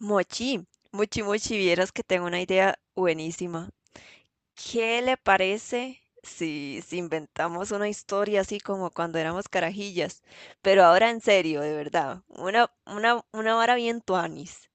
Mochi, Mochi, Mochi, vieras que tengo una idea buenísima. ¿Qué le parece si inventamos una historia así como cuando éramos carajillas? Pero ahora en serio, de verdad, una vara bien tuanis.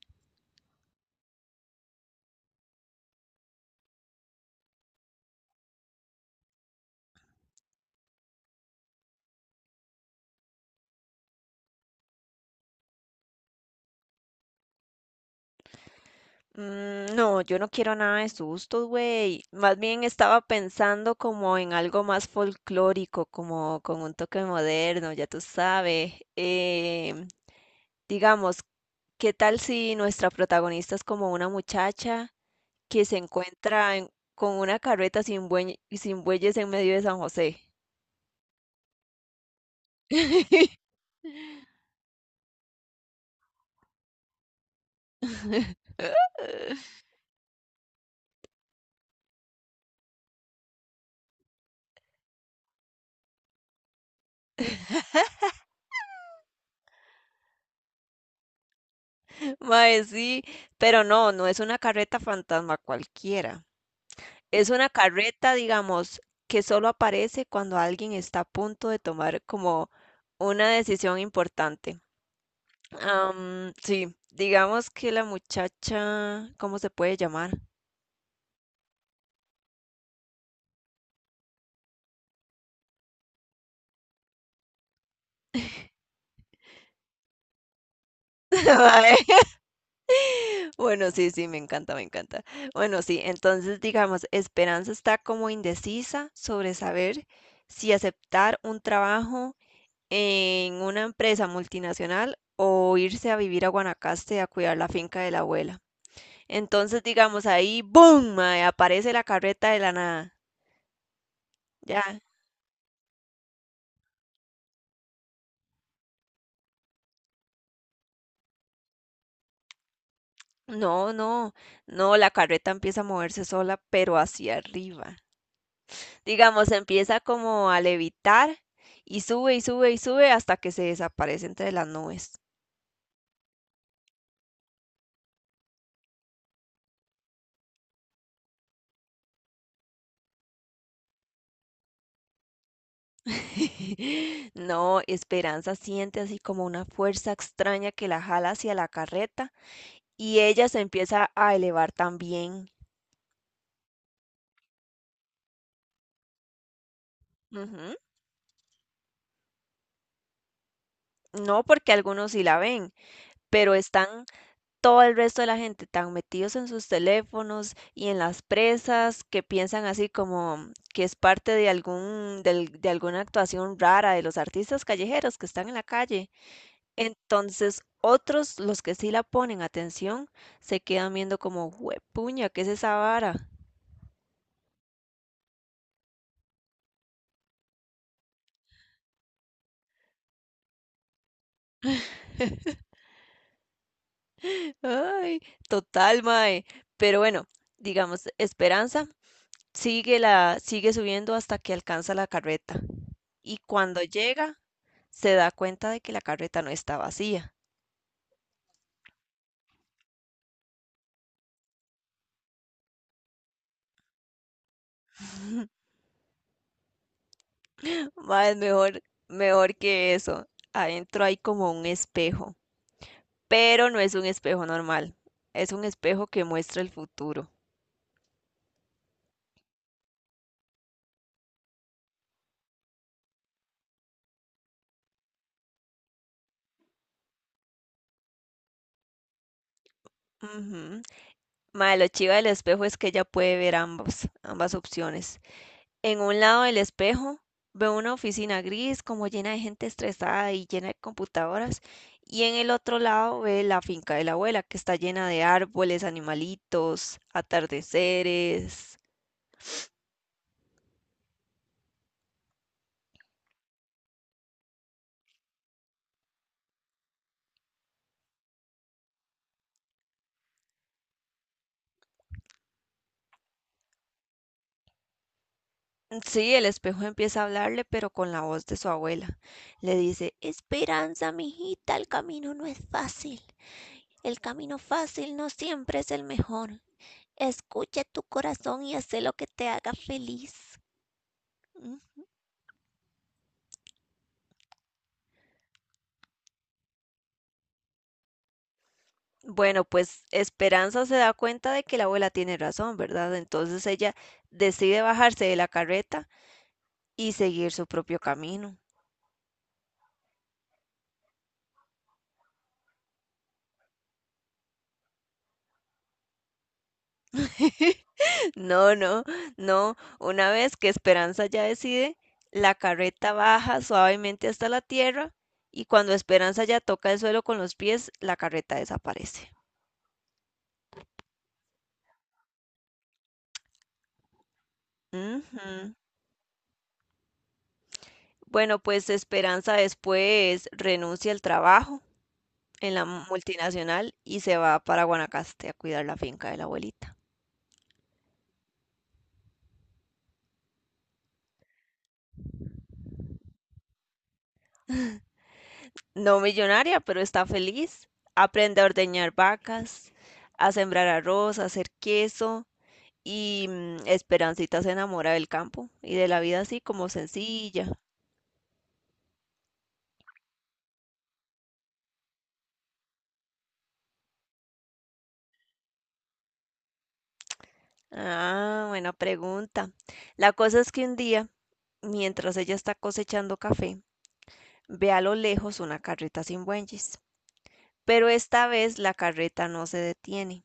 No, yo no quiero nada de sustos, güey. Más bien estaba pensando como en algo más folclórico, como con un toque moderno, ya tú sabes. Digamos, ¿Qué tal si nuestra protagonista es como una muchacha que con una carreta sin bueyes en medio de San José? Mae, sí, pero no es una carreta fantasma cualquiera. Es una carreta, digamos, que solo aparece cuando alguien está a punto de tomar como una decisión importante. Sí, digamos que la muchacha, ¿cómo se puede llamar? Vale. Bueno, sí, sí, me encanta, me encanta. Bueno, sí, entonces digamos, Esperanza está como indecisa sobre saber si aceptar un trabajo en una empresa multinacional o irse a vivir a Guanacaste a cuidar la finca de la abuela. Entonces, digamos, ahí, ¡boom! Mae, aparece la carreta de la nada. Ya. No, no, no, la carreta empieza a moverse sola, pero hacia arriba. Digamos, empieza como a levitar y sube y sube y sube hasta que se desaparece entre las nubes. No, Esperanza siente así como una fuerza extraña que la jala hacia la carreta y ella se empieza a elevar también. Ujú. No, porque algunos sí la ven, pero están todo el resto de la gente tan metidos en sus teléfonos y en las presas que piensan así como que es parte de de alguna actuación rara de los artistas callejeros que están en la calle. Entonces, otros, los que sí la ponen atención, se quedan viendo como, puña, ¿qué es esa vara? Ay, total, mae. Pero bueno, digamos, Esperanza sigue subiendo hasta que alcanza la carreta. Y cuando llega se da cuenta de que la carreta no está vacía. Mae, es mejor que eso. Adentro hay como un espejo, pero no es un espejo normal. Es un espejo que muestra el futuro. Ujú. Mae, lo chiva del espejo es que ella puede ver ambas opciones. En un lado del espejo veo una oficina gris como llena de gente estresada y llena de computadoras, y en el otro lado ve la finca de la abuela que está llena de árboles, animalitos, atardeceres. Sí, el espejo empieza a hablarle, pero con la voz de su abuela. Le dice, Esperanza, mijita, el camino no es fácil. El camino fácil no siempre es el mejor. Escucha tu corazón y haz lo que te haga feliz. Bueno, pues Esperanza se da cuenta de que la abuela tiene razón, ¿verdad? Entonces ella decide bajarse de la carreta y seguir su propio camino. No, no, no. Una vez que Esperanza ya decide, la carreta baja suavemente hasta la tierra y cuando Esperanza ya toca el suelo con los pies, la carreta desaparece. Ujú. Bueno, pues Esperanza después renuncia al trabajo en la multinacional y se va para Guanacaste a cuidar la finca de la abuelita. No millonaria, pero está feliz. Aprende a ordeñar vacas, a sembrar arroz, a hacer queso y Esperancita se enamora del campo y de la vida así como sencilla. Ah, buena pregunta. La cosa es que un día, mientras ella está cosechando café, ve a lo lejos una carreta sin bueyes, pero esta vez la carreta no se detiene.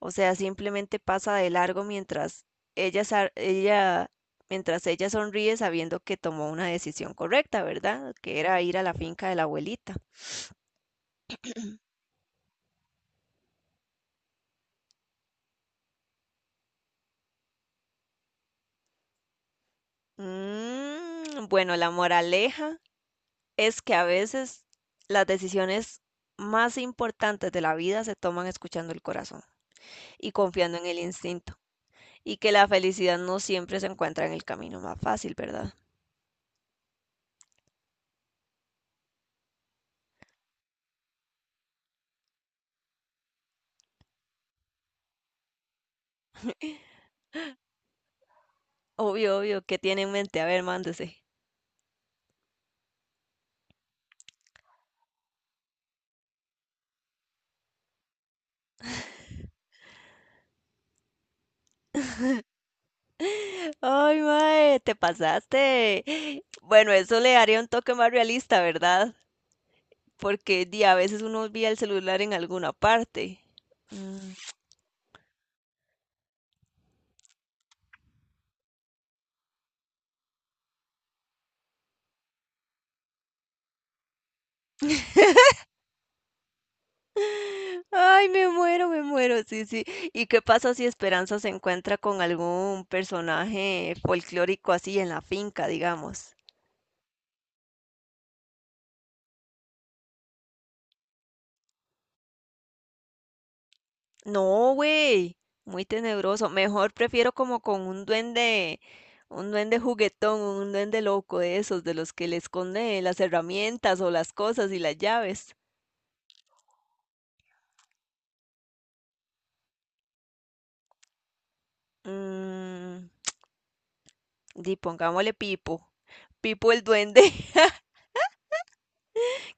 O sea, simplemente pasa de largo mientras ella, sa- ella, mientras ella sonríe sabiendo que tomó una decisión correcta, ¿verdad? Que era ir a la finca de la abuelita. Bueno, la moraleja es que a veces las decisiones más importantes de la vida se toman escuchando el corazón y confiando en el instinto, y que la felicidad no siempre se encuentra en el camino más fácil, ¿verdad? Obvio, obvio, ¿qué tiene en mente? A ver, mándese. Ay, mae, te pasaste. Bueno, eso le daría un toque más realista, ¿verdad? Porque di, a veces uno olvida el celular en alguna parte. Mm. Ay, me muero, sí, sí. ¿Y qué pasa si Esperanza se encuentra con algún personaje folclórico así en la finca, digamos? No, güey, muy tenebroso. Mejor prefiero como con un duende juguetón, un duende loco de esos, de los que le esconde las herramientas o las cosas y las llaves. Mmm, di, pongámosle Pipo. Pipo el duende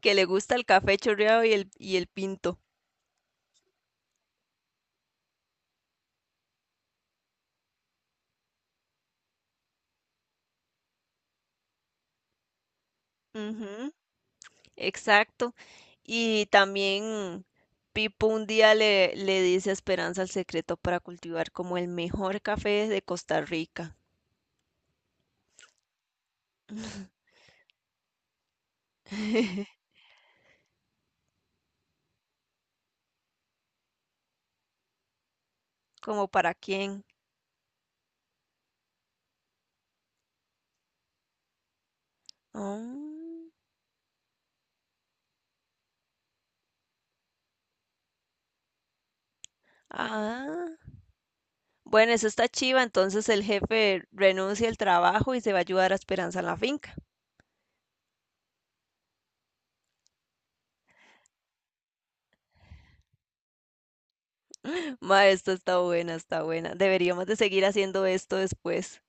que le gusta el café chorreado y el pinto. Ujú, exacto. Y también Pipo un día le dice a Esperanza el secreto para cultivar como el mejor café de Costa Rica. ¿Como para quién? Mm, ah, bueno, eso está chiva. Entonces el jefe renuncia al trabajo y se va a ayudar a Esperanza en la finca. Ma, esto está buena, está buena. Deberíamos de seguir haciendo esto después.